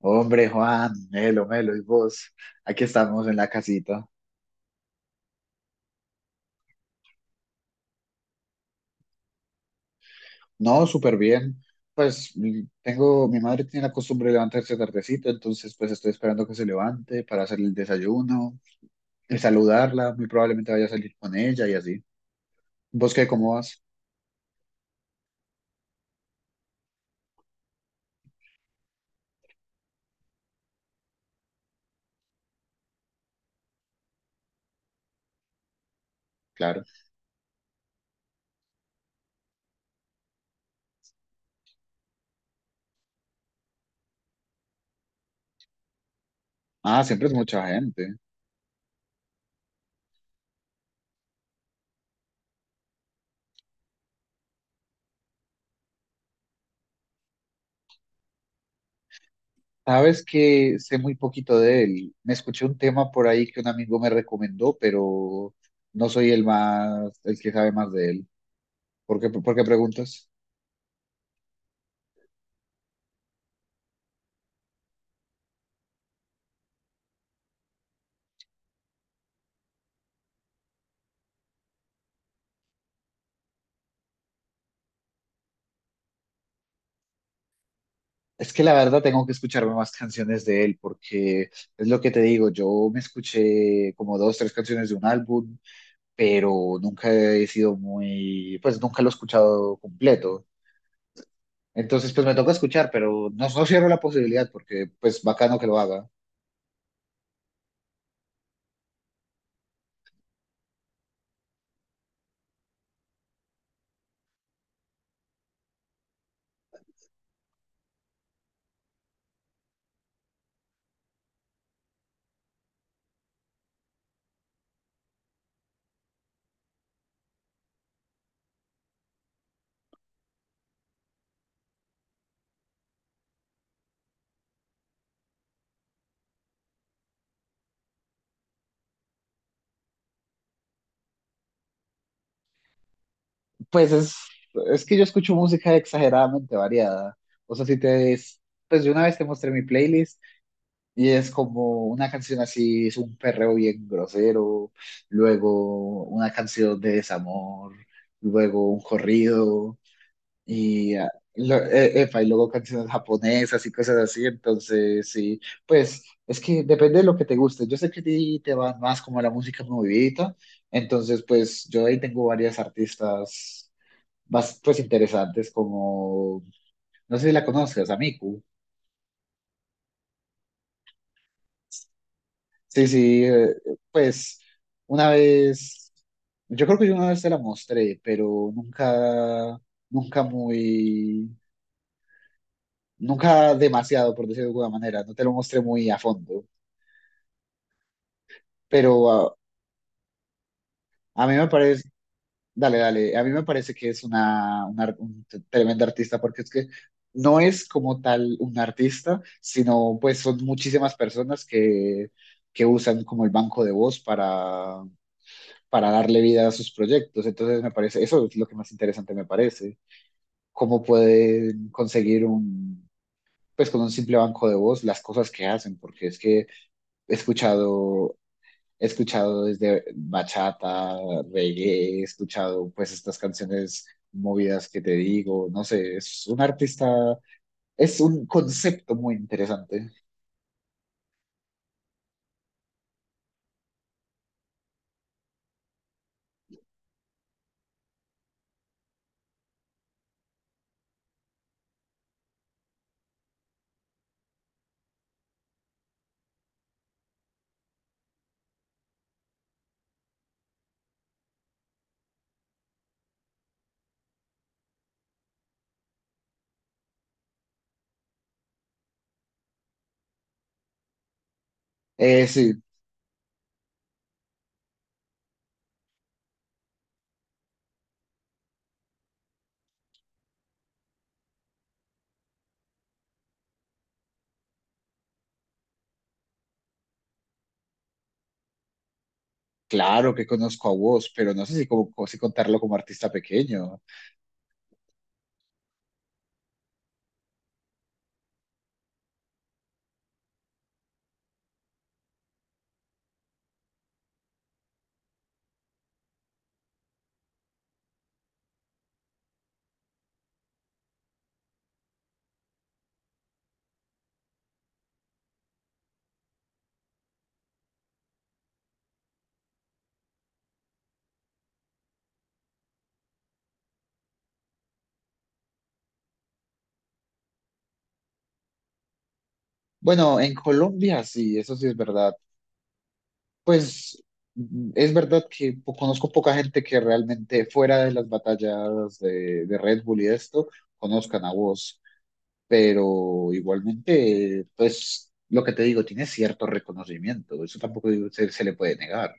Hombre, Juan, Melo, Melo, y vos, aquí estamos en la casita. No, súper bien. Pues tengo, mi madre tiene la costumbre de levantarse tardecito, entonces pues estoy esperando que se levante para hacer el desayuno y saludarla. Muy probablemente vaya a salir con ella y así. ¿Vos qué, cómo vas? Claro. Ah, siempre es mucha gente. Sabes que sé muy poquito de él. Me escuché un tema por ahí que un amigo me recomendó, pero no soy el más, el que sabe más de él. Por qué preguntas? Es que la verdad tengo que escucharme más canciones de él porque es lo que te digo, yo me escuché como dos, tres canciones de un álbum, pero nunca he sido muy, pues nunca lo he escuchado completo. Entonces pues me toca escuchar, pero no, no cierro la posibilidad porque pues bacano que lo haga. Pues es, es que yo escucho música exageradamente variada. O sea, si te, pues yo una vez te mostré mi playlist. Y es como una canción así, es un perreo bien grosero, luego una canción de desamor, luego un corrido, y, epa, y luego canciones japonesas y cosas así. Entonces, sí, pues es que depende de lo que te guste. Yo sé que a ti te va más como la música movidita, entonces, pues yo ahí tengo varias artistas más pues interesantes, como, no sé si la conozcas, a Miku. Sí, sí, pues una vez, yo creo que yo una vez te la mostré, pero nunca, nunca muy, nunca demasiado, por decirlo de alguna manera, no te lo mostré muy a fondo, pero a, mí me parece, dale, dale, a mí me parece que es una, tremenda artista, porque es que no es como tal un artista, sino pues son muchísimas personas que usan como el banco de voz para darle vida a sus proyectos. Entonces me parece, eso es lo que más interesante me parece, cómo pueden conseguir un, pues con un simple banco de voz las cosas que hacen, porque es que he escuchado, he escuchado desde bachata, reggae, he escuchado pues estas canciones movidas que te digo, no sé, es un artista, es un concepto muy interesante. Sí, claro que conozco a vos, pero no sé si, como, si contarlo como artista pequeño. Bueno, en Colombia sí, eso sí es verdad. Pues mm, es verdad que conozco poca gente que realmente fuera de las batallas de Red Bull y de esto, conozcan a vos, pero igualmente, pues lo que te digo, tiene cierto reconocimiento, eso tampoco se le puede negar.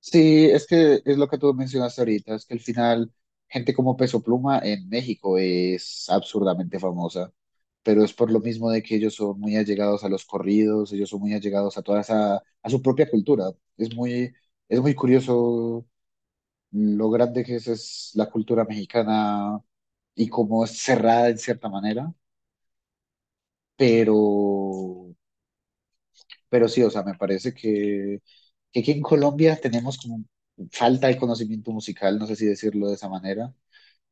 Sí, es que es lo que tú mencionaste ahorita, es que al final gente como Peso Pluma en México es absurdamente famosa, pero es por lo mismo de que ellos son muy allegados a los corridos, ellos son muy allegados a toda esa, a su propia cultura. Es muy, es muy curioso lo grande que es la cultura mexicana y cómo es cerrada en cierta manera, pero Pero sí, o sea, me parece que aquí en Colombia tenemos como falta de conocimiento musical, no sé si decirlo de esa manera,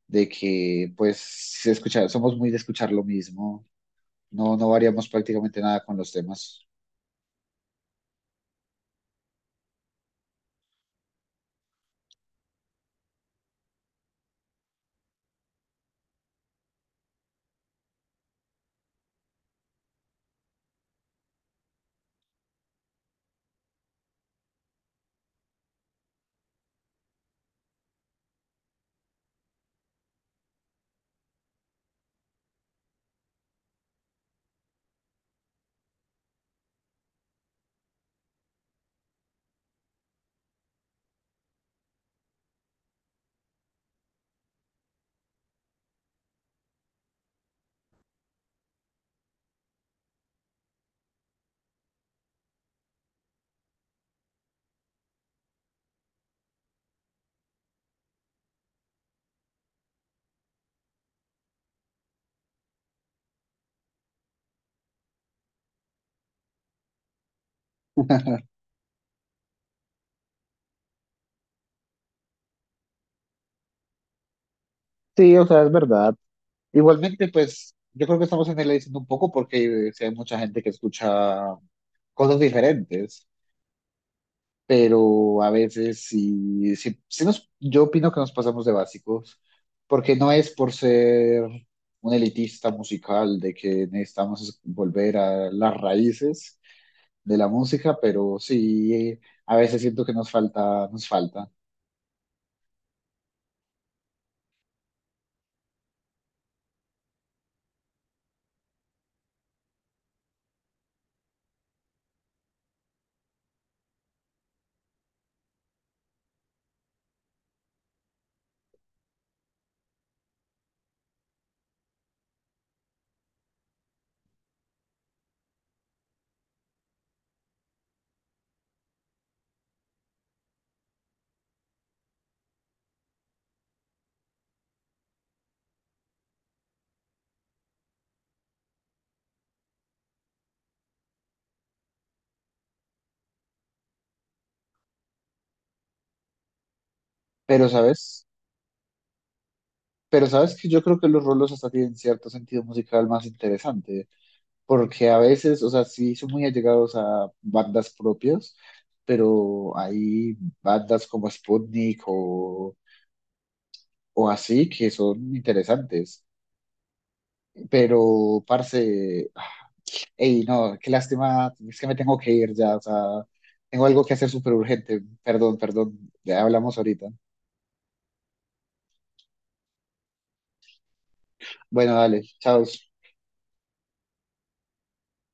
de que pues se escucha, somos muy de escuchar lo mismo, no, no variamos prácticamente nada con los temas. Sí, o sea, es verdad. Igualmente, pues yo creo que estamos en el diciendo un poco porque sí hay mucha gente que escucha cosas diferentes. Pero a veces sí, sí, sí nos, yo opino que nos pasamos de básicos, porque no es por ser un elitista musical de que necesitamos volver a las raíces de la música, pero sí, a veces siento que nos falta, nos falta. Pero sabes, pero sabes que yo creo que los rolos hasta tienen cierto sentido musical más interesante. Porque a veces, o sea, sí son muy allegados a bandas propias, pero hay bandas como Sputnik o así que son interesantes. Pero, parce, ey, no, qué lástima, es que me tengo que ir ya, o sea, tengo algo que hacer súper urgente. Perdón, perdón, ya hablamos ahorita. Bueno, dale, chao.